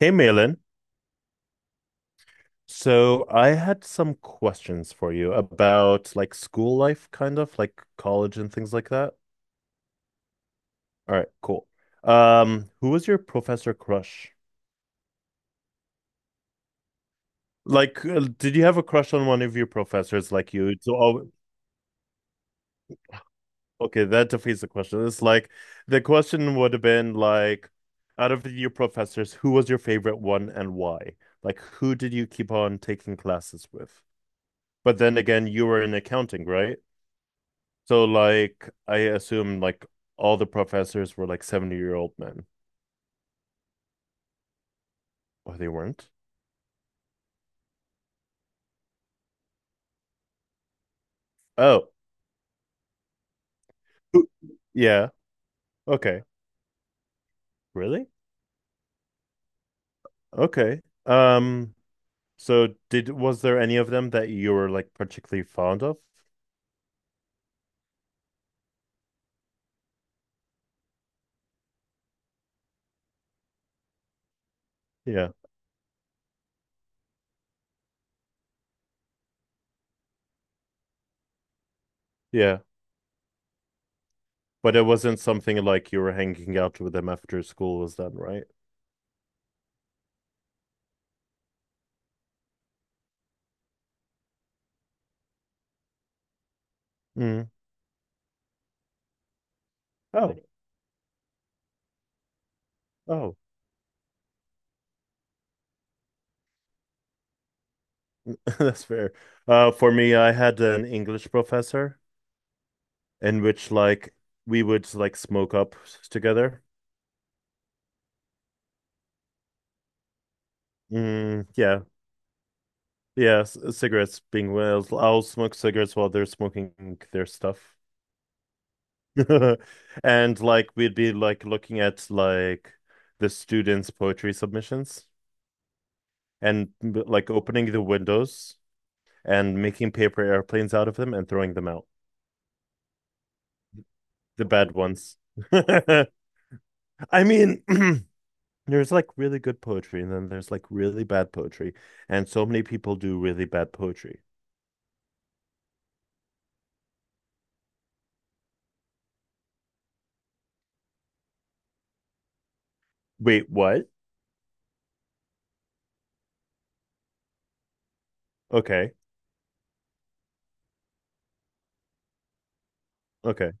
Hey, Malin. So I had some questions for you about like school life, kind of like college and things like that. All right, cool. Who was your professor crush? Like, did you have a crush on one of your professors like you? So, oh, okay, that defeats the question. It's like the question would have been like, out of your professors, who was your favorite one and why? Like, who did you keep on taking classes with? But then again, you were in accounting, right? So like I assume like all the professors were like 70-year-old men. Or they weren't? Oh, Who- yeah. Okay. Really? Okay. So did was there any of them that you were like particularly fond of? Yeah. Yeah. But it wasn't something like you were hanging out with them after school was done, right? Mm. Oh. Oh, that's fair. For me, I had an English professor in which like we would like smoke up together. Mm, yeah. Yeah, cigarettes being well. I'll smoke cigarettes while they're smoking their stuff. And like we'd be like looking at like the students' poetry submissions and like opening the windows and making paper airplanes out of them and throwing them out. The bad ones. I mean, there's like really good poetry and then there's like really bad poetry. And so many people do really bad poetry. Wait, what? Okay. Okay.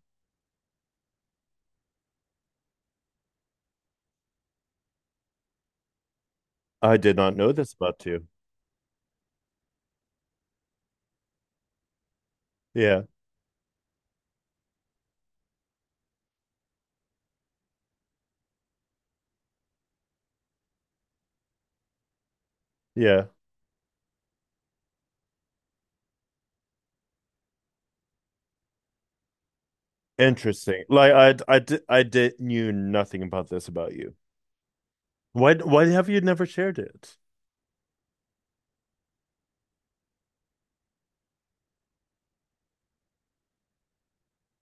I did not know this about you. Yeah. Yeah. Interesting. Like I did knew nothing about this about you. Why have you never shared it?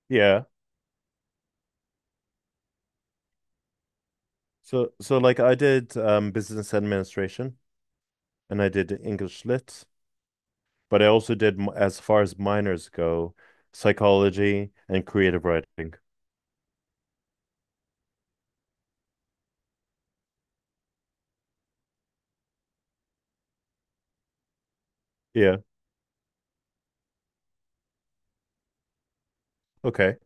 Yeah. So like I did business administration and I did English lit, but I also did as far as minors go, psychology and creative writing. Yeah. Okay.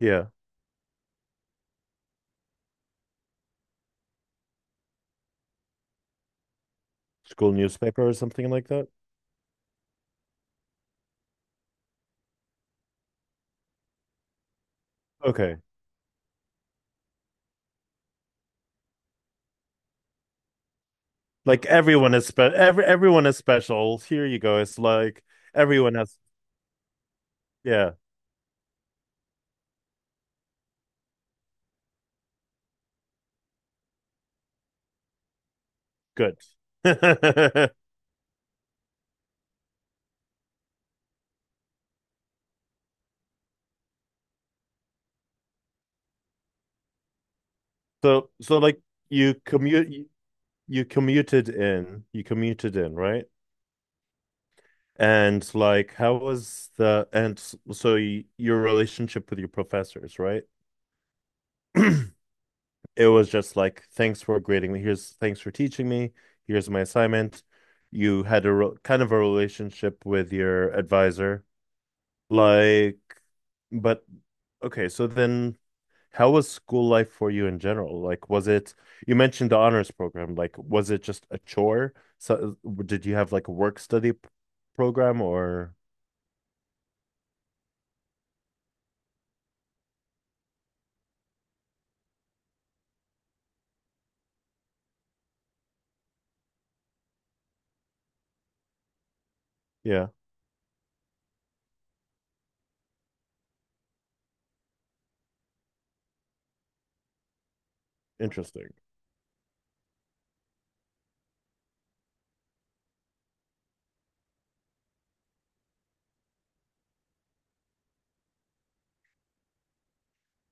Yeah. School newspaper or something like that. Okay. Like everyone is spe every everyone is special. Here you go. It's like everyone has yeah, good. So like you commute you, you commuted in, right? And like how was the and s- so y your relationship with your professors, right? It was just like thanks for grading me. Here's thanks for teaching me. Here's my assignment. You had a kind of a relationship with your advisor. Like, but okay, so then how was school life for you in general? Like, was it, you mentioned the honors program, like, was it just a chore? So, did you have like a work study program or, yeah, interesting.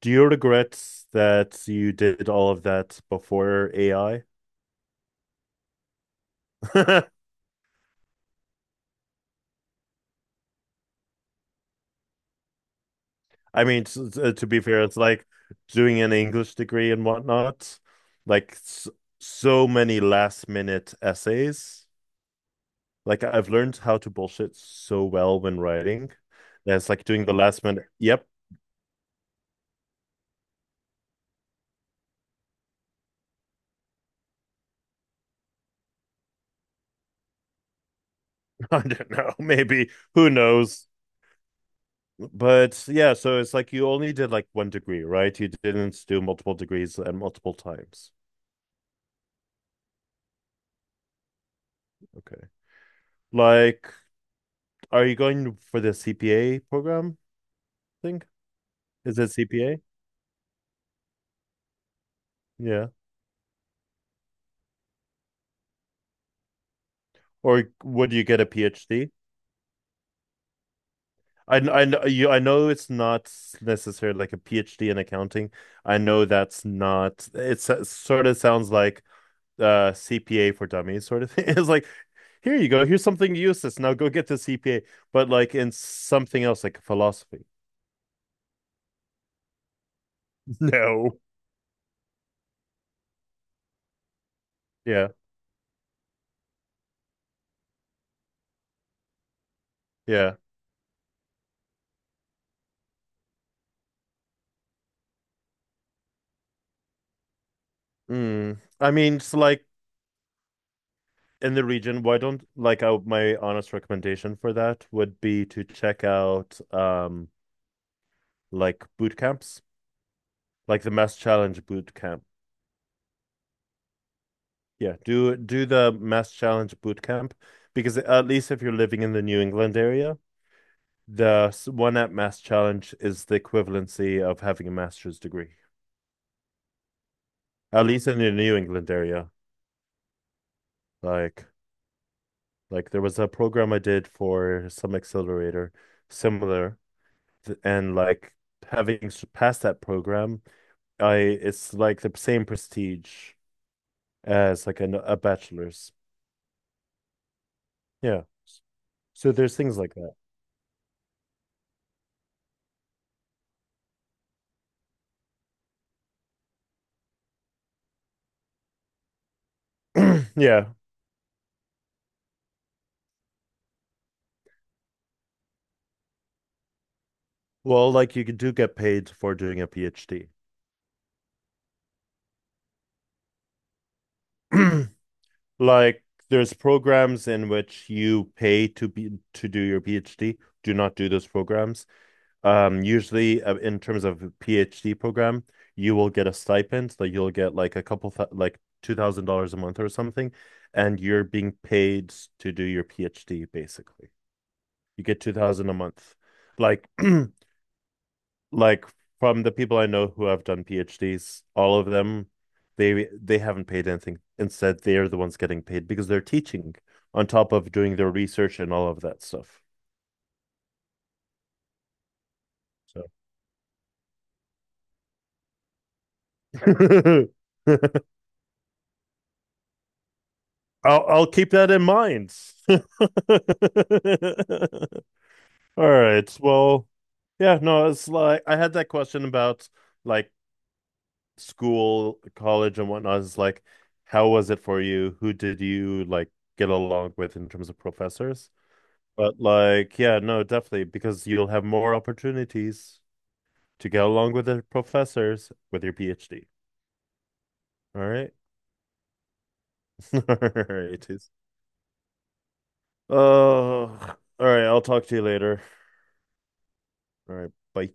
Do you regret that you did all of that before AI? I I mean, to be fair, it's like doing an English degree and whatnot, like s so many last minute essays. Like I've learned how to bullshit so well when writing. That's like doing the last minute. Yep, I don't know. Maybe who knows? But yeah, so it's like you only did like one degree, right? You didn't do multiple degrees and multiple times. Okay. Like, are you going for the CPA program thing? Is it CPA? Yeah. Or would you get a PhD? I know it's not necessarily like a PhD in accounting. I know that's not, it's, it sort of sounds like CPA for dummies sort of thing. It's like, here you go, here's something useless. Now go get the CPA, but like in something else, like philosophy. No. Yeah, yeah. Mm. I mean, it's like in the region, why don't like I, my honest recommendation for that would be to check out like boot camps, like the Mass Challenge boot camp. Yeah, do the Mass Challenge boot camp because at least if you're living in the New England area, the one at Mass Challenge is the equivalency of having a master's degree, at least in the New England area. Like, like, there was a program I did for some accelerator, similar, and like having passed that program, I it's like the same prestige as like a bachelor's. Yeah. So there's things like that. Yeah. Well, like you do get paid for doing a PhD. Like there's programs in which you pay to do your PhD. Do not do those programs. Usually, in terms of a PhD program, you will get a stipend, so you'll get like a couple th like $2,000 a month or something, and you're being paid to do your PhD basically. You get 2,000 a month. Like like from the people I know who have done PhDs, all of them, they haven't paid anything. Instead, they are the ones getting paid because they're teaching on top of doing their research and all of that stuff. So I'll keep that in mind. All right. Well, yeah, no, it's like I had that question about like school, college, and whatnot. It's like, how was it for you? Who did you like get along with in terms of professors? But like, yeah, no, definitely, because you'll have more opportunities to get along with the professors with your PhD. All right. All right. Oh, all right. I'll talk to you later. All right. Bye.